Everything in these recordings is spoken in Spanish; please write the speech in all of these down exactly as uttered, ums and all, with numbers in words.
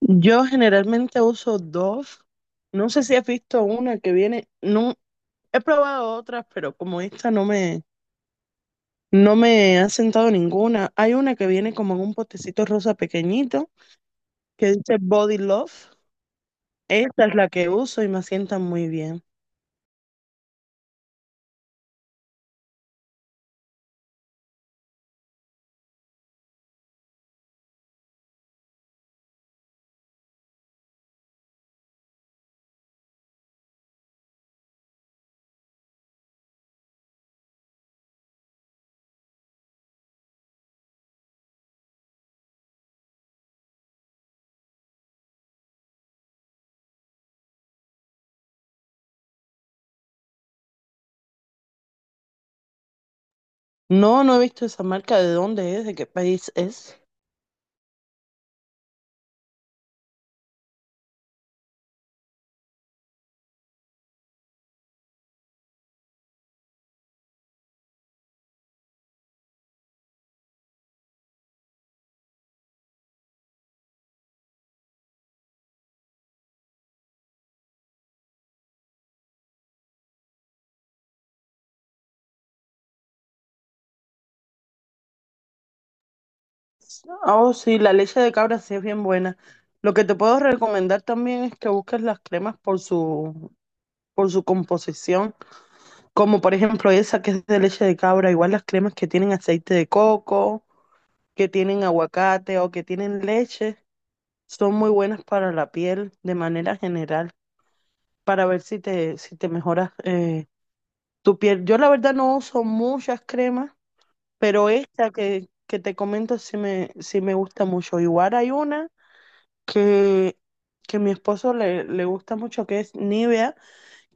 Yo generalmente uso dos. No sé si has visto una que viene. No, he probado otras, pero como esta no me, no me ha sentado ninguna. Hay una que viene como en un potecito rosa pequeñito que dice Body Love. Esta es la que uso y me sienta muy bien. No, no he visto esa marca. ¿De dónde es? ¿De qué país es? Oh, sí, la leche de cabra sí es bien buena. Lo que te puedo recomendar también es que busques las cremas por su, por su composición. Como por ejemplo esa que es de leche de cabra, igual las cremas que tienen aceite de coco, que tienen aguacate o que tienen leche, son muy buenas para la piel de manera general, para ver si te, si te mejoras eh, tu piel. Yo la verdad no uso muchas cremas, pero esta que, que te comento sí me, sí me gusta mucho. Igual hay una que, que mi esposo le, le gusta mucho, que es Nivea,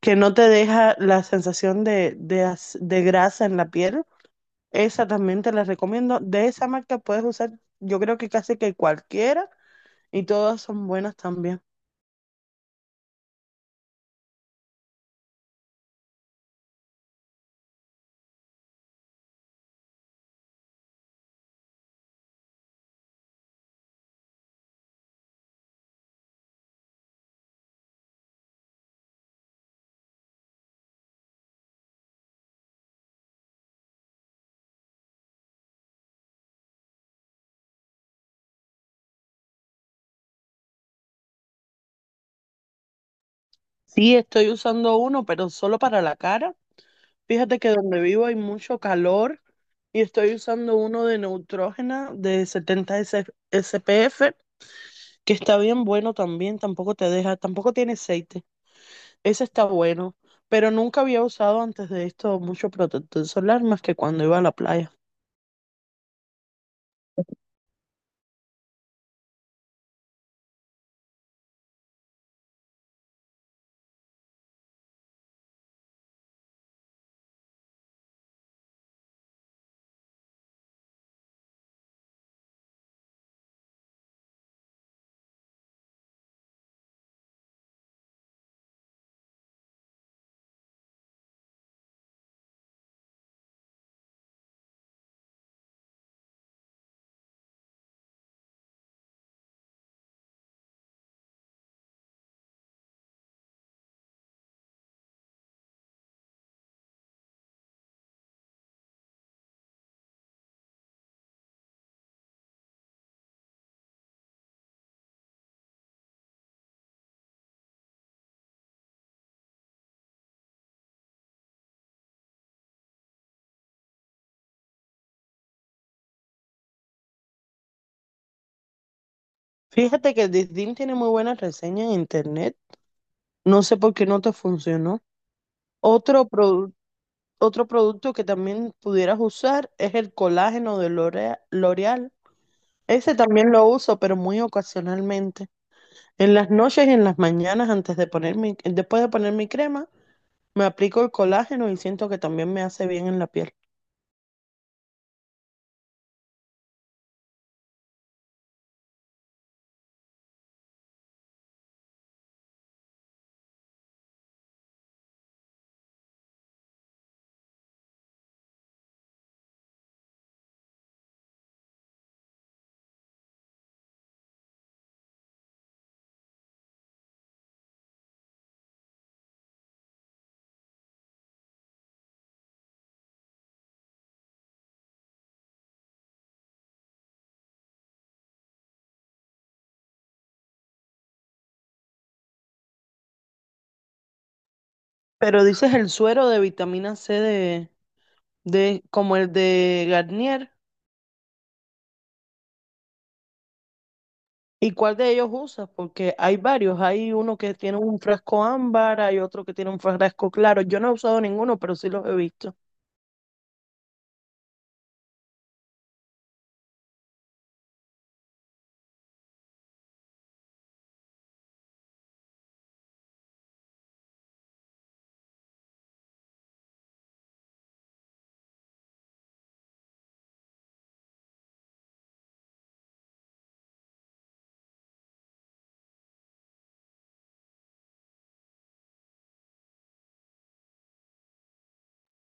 que no te deja la sensación de, de, as- de grasa en la piel. Esa también te la recomiendo. De esa marca puedes usar, yo creo que casi que cualquiera y todas son buenas también. Sí, estoy usando uno, pero solo para la cara. Fíjate que donde vivo hay mucho calor y estoy usando uno de Neutrógena de setenta S- s p f que está bien bueno también, tampoco te deja, tampoco tiene aceite. Ese está bueno, pero nunca había usado antes de esto mucho protector solar más que cuando iba a la playa. Fíjate que Disdin tiene muy buenas reseñas en internet. No sé por qué no te funcionó. Otro, produ- Otro producto que también pudieras usar es el colágeno de L'Orea- L'Oreal. Ese también lo uso, pero muy ocasionalmente. En las noches y en las mañanas, antes de poner mi- después de poner mi crema, me aplico el colágeno y siento que también me hace bien en la piel. Pero dices el suero de vitamina ce de, de como el de Garnier. ¿Y cuál de ellos usas? Porque hay varios. Hay uno que tiene un frasco ámbar, hay otro que tiene un frasco claro. Yo no he usado ninguno, pero sí los he visto.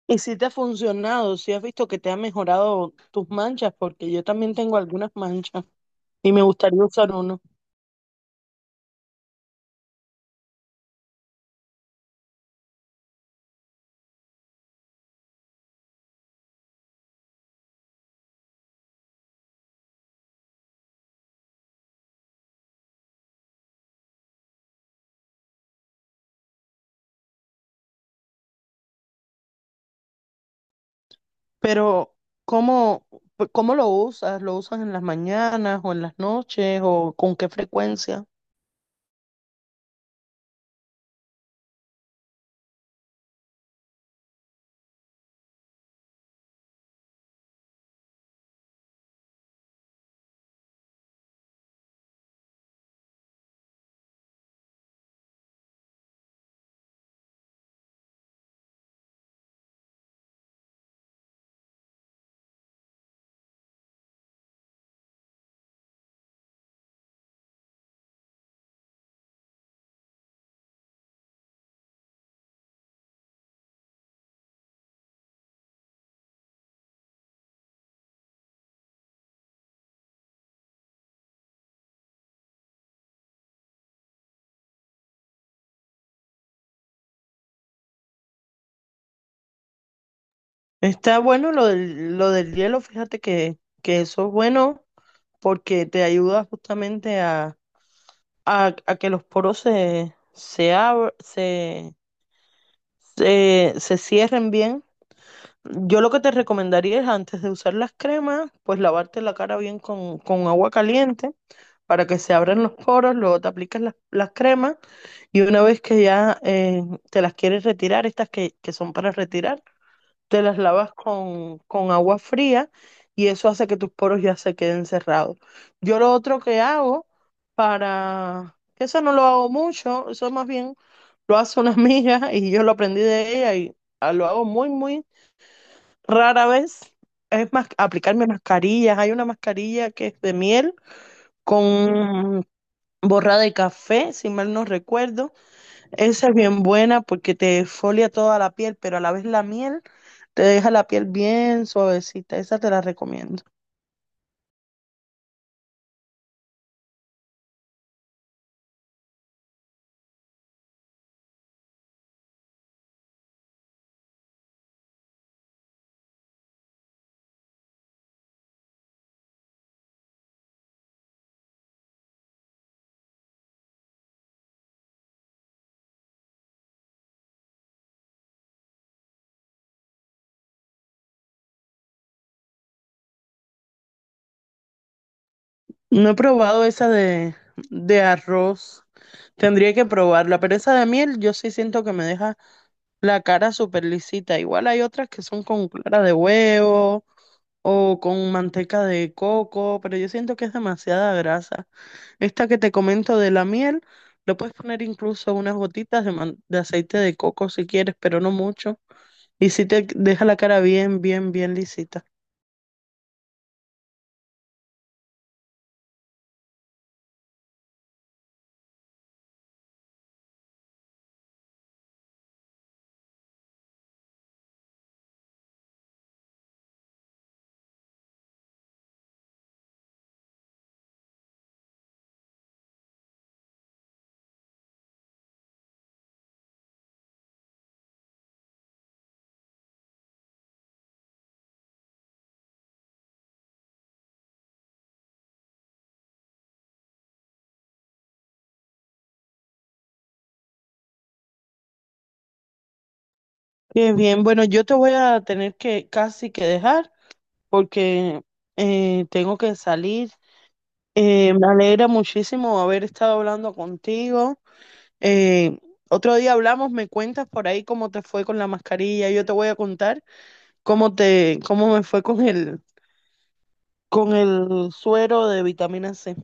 ¿Y si te ha funcionado? ¿Si has visto que te ha mejorado tus manchas? Porque yo también tengo algunas manchas y me gustaría usar uno. Pero, ¿cómo, cómo lo usas? ¿Lo usas en las mañanas o en las noches o con qué frecuencia? Está bueno lo del, lo del hielo. Fíjate que, que eso es bueno porque te ayuda justamente a a, a que los poros se, se, abr- se, se, se cierren bien. Yo lo que te recomendaría es antes de usar las cremas, pues lavarte la cara bien con, con agua caliente para que se abran los poros, luego te aplicas las, las cremas y una vez que ya eh, te las quieres retirar, estas que, que son para retirar, te las lavas con, con agua fría y eso hace que tus poros ya se queden cerrados. Yo lo otro que hago para, que eso no lo hago mucho, eso más bien lo hace una amiga y yo lo aprendí de ella y ah, lo hago muy, muy rara vez. Es más, aplicarme mascarillas. Hay una mascarilla que es de miel con borrada de café, si mal no recuerdo, esa es bien buena porque te exfolia toda la piel, pero a la vez la miel te deja la piel bien suavecita. Esa te la recomiendo. No he probado esa de, de arroz. Tendría que probarla, pero esa de miel yo sí siento que me deja la cara súper lisita. Igual hay otras que son con clara de huevo o con manteca de coco, pero yo siento que es demasiada grasa. Esta que te comento de la miel, le puedes poner incluso unas gotitas de, man- de aceite de coco si quieres, pero no mucho. Y si te deja la cara bien, bien, bien lisita. Qué bien. Bueno, yo te voy a tener que casi que dejar porque eh, tengo que salir. Eh, me alegra muchísimo haber estado hablando contigo. Eh, Otro día hablamos, me cuentas por ahí cómo te fue con la mascarilla. Yo te voy a contar cómo te, cómo me fue con el, con el suero de vitamina C.